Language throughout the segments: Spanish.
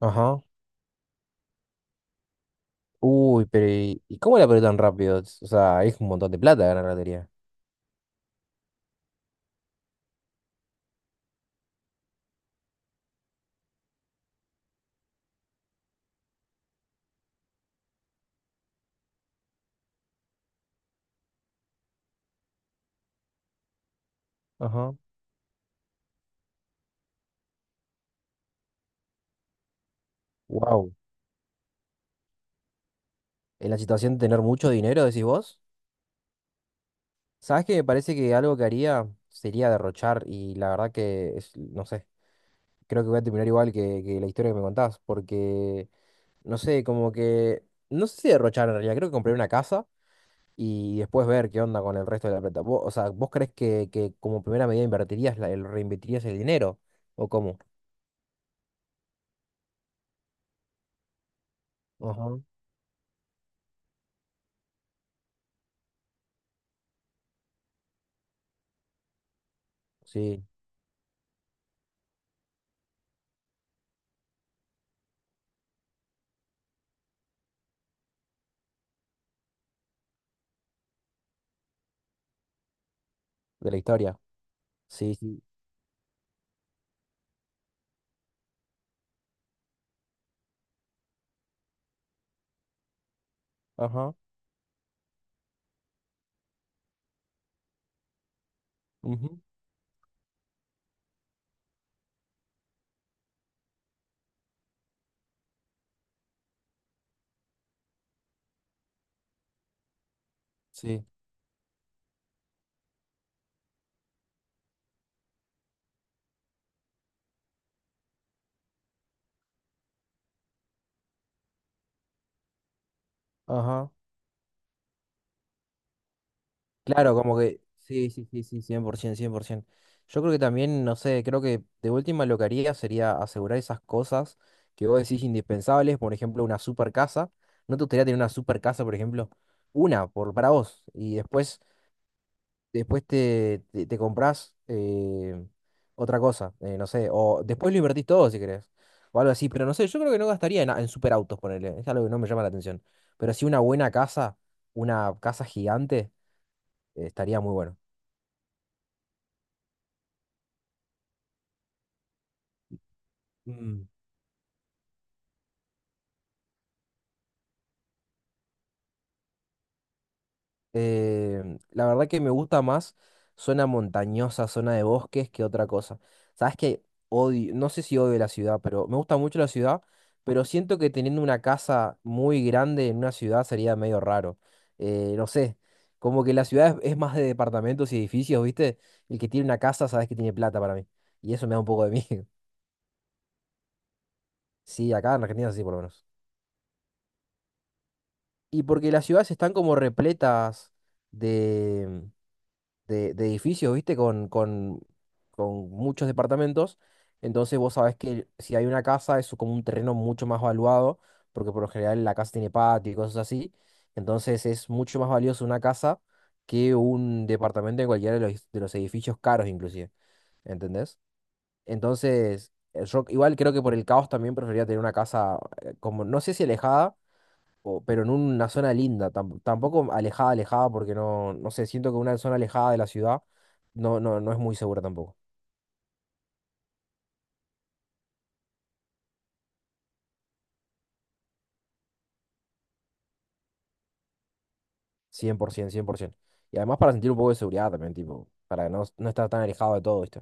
Ajá. Uy, pero ¿y cómo la perdió tan rápido? O sea, es un montón de plata ganar la lotería. Ajá. Wow. En la situación de tener mucho dinero, decís vos. ¿Sabes qué? Me parece que algo que haría sería derrochar, y la verdad que, no sé, creo que voy a terminar igual que la historia que me contás, porque no sé, como que, no sé si derrochar en realidad. Creo que compré una casa y después ver qué onda con el resto de la plata. O sea, ¿vos crees que como primera medida invertirías, reinvertirías el dinero? ¿O cómo? Ajá. Sí, de la historia. Sí, sí. Ajá. Ujú. Sí. Ajá. Claro, como que. Sí, sí, sí, sí, cien por ciento, cien por 100%. Yo creo que también, no sé, creo que de última lo que haría sería asegurar esas cosas que vos decís indispensables, por ejemplo, una super casa. ¿No te gustaría tener una super casa, por ejemplo? Una, por, para vos. Y después te compras otra cosa. No sé, o después lo invertís todo si querés, o algo así, pero no sé, yo creo que no gastaría en superautos, ponerle, es algo que no me llama la atención, pero sí una buena casa, una casa gigante. Estaría muy bueno. Eh, la verdad que me gusta más zona montañosa, zona de bosques que otra cosa. Sabes que odio, no sé si odio la ciudad, pero me gusta mucho la ciudad, pero siento que teniendo una casa muy grande en una ciudad sería medio raro. No sé, como que la ciudad es más de departamentos y edificios, ¿viste? El que tiene una casa, sabes que tiene plata para mí. Y eso me da un poco de miedo. Sí, acá en Argentina sí, por lo menos. Y porque las ciudades están como repletas de edificios, ¿viste? Con muchos departamentos. Entonces vos sabés que si hay una casa, es como un terreno mucho más valuado, porque por lo general la casa tiene patio y cosas así. Entonces es mucho más valioso una casa que un departamento en cualquiera de de los edificios caros inclusive, ¿entendés? Entonces, yo igual creo que por el caos también preferiría tener una casa como, no sé si alejada, pero en una zona linda, tampoco alejada, alejada, porque no, no sé, siento que una zona alejada de la ciudad no, no, no es muy segura tampoco. Cien por ciento, cien por 100%. Y además para sentir un poco de seguridad también, tipo, para no, no estar tan alejado de todo, ¿viste?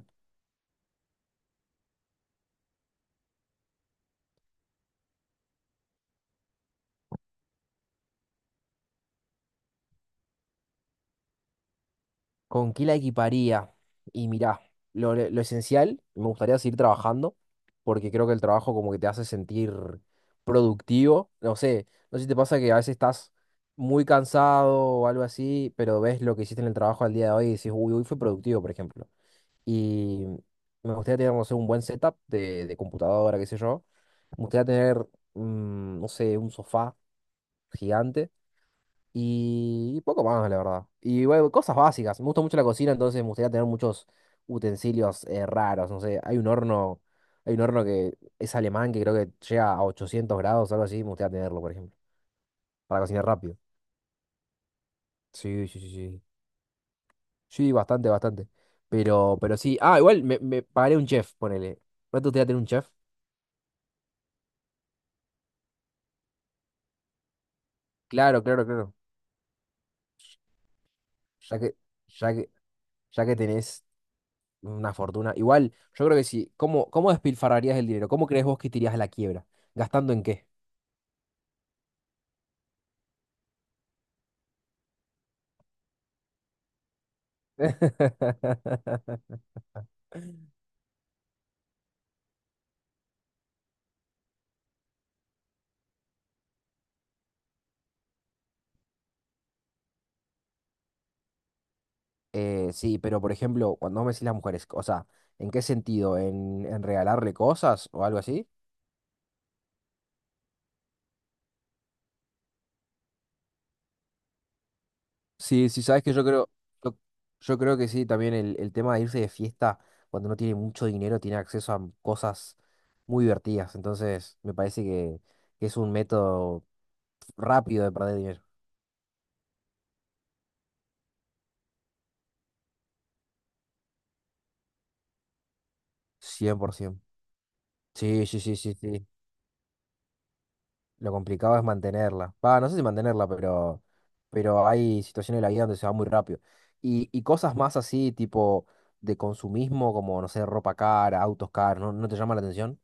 ¿Con qué la equiparía? Y mirá, lo esencial, me gustaría seguir trabajando, porque creo que el trabajo como que te hace sentir productivo. No sé, no sé si te pasa que a veces estás muy cansado o algo así, pero ves lo que hiciste en el trabajo al día de hoy y dices, uy, hoy fue productivo, por ejemplo. Y me gustaría tener, no sé, un buen setup de computadora, qué sé yo. Me gustaría tener, no sé, un sofá gigante y poco más, la verdad. Y bueno, cosas básicas. Me gusta mucho la cocina, entonces me gustaría tener muchos utensilios raros. No sé, hay un horno que es alemán que creo que llega a 800 grados, algo así. Me gustaría tenerlo, por ejemplo, para cocinar rápido. Sí, sí, sí, sí. Sí, bastante, bastante. Pero sí. Ah, igual me pagaré un chef, ponele. ¿No te gustaría tener un chef? Claro, claro, claro. Ya que, ya que, ya que tenés una fortuna. Igual, yo creo que sí. ¿Cómo despilfarrarías el dinero? ¿Cómo crees vos que te irías a la quiebra? ¿Gastando en qué? Sí, pero por ejemplo, cuando vos me decís las mujeres, o sea, ¿en qué sentido? En regalarle cosas o algo así? Sí, sí, sabes que yo, yo creo que sí, también el tema de irse de fiesta cuando no tiene mucho dinero tiene acceso a cosas muy divertidas. Entonces, me parece que es un método rápido de perder dinero. 100%. Sí, sí, sí, sí, sí. Lo complicado es mantenerla. Va, no sé si mantenerla, pero hay situaciones de la vida donde se va muy rápido. Y cosas más así, tipo de consumismo, como, no sé, ropa cara, autos caros, ¿no, no te llama la atención?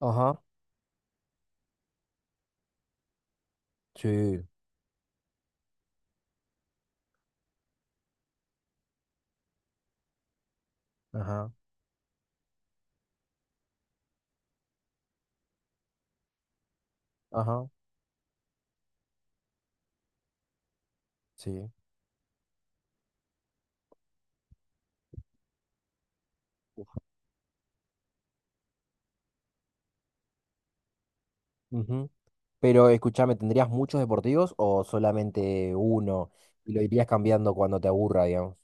Ajá. Sí. Ajá. Ajá, sí. Ujú. Pero escúchame, ¿tendrías muchos deportivos o solamente uno y lo irías cambiando cuando te aburra, digamos?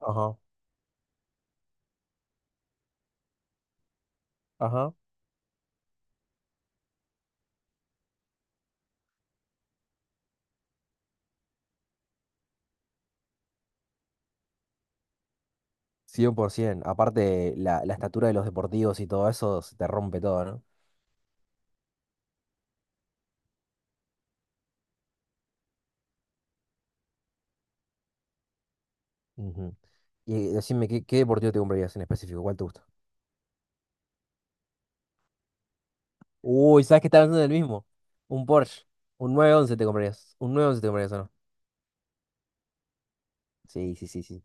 Ajá, ajá. 100%. Aparte, la estatura de los deportivos y todo eso se te rompe todo, ¿no? Ujú. Y decime, ¿qué deportivo te comprarías en específico? ¿Cuál te gusta? Uy, ¿sabes que estás hablando del mismo? Un Porsche. Un 911 te comprarías. Un nueve once te comprarías, ¿o no? Sí, sí, sí, sí.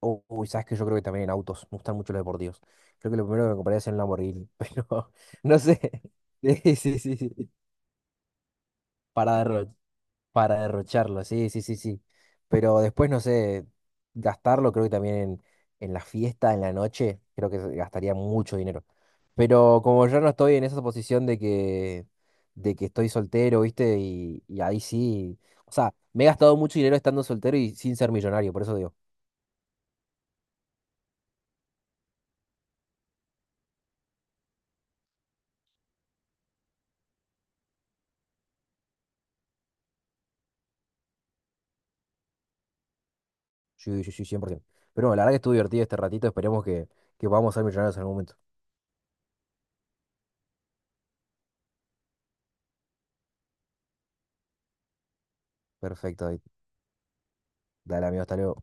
Oh. Uy, sabes que yo creo que también en autos. Me gustan mucho los deportivos. Creo que lo primero que me compraría es un Lamborghini, pero no sé. Sí, sí, sí, sí. Para derro- para derrocharlo, sí, sí, sí, sí. Pero después, no sé, gastarlo creo que también en la fiesta, en la noche, creo que gastaría mucho dinero. Pero como yo no estoy en esa posición de de que estoy soltero, ¿viste? Y ahí sí. O sea, me he gastado mucho dinero estando soltero y sin ser millonario, por eso digo. Sí, sí, sí, 100%. Pero bueno, la verdad que estuvo divertido este ratito. Esperemos que podamos ser millonarios en algún momento. Perfecto, David. Dale, amigo, hasta luego.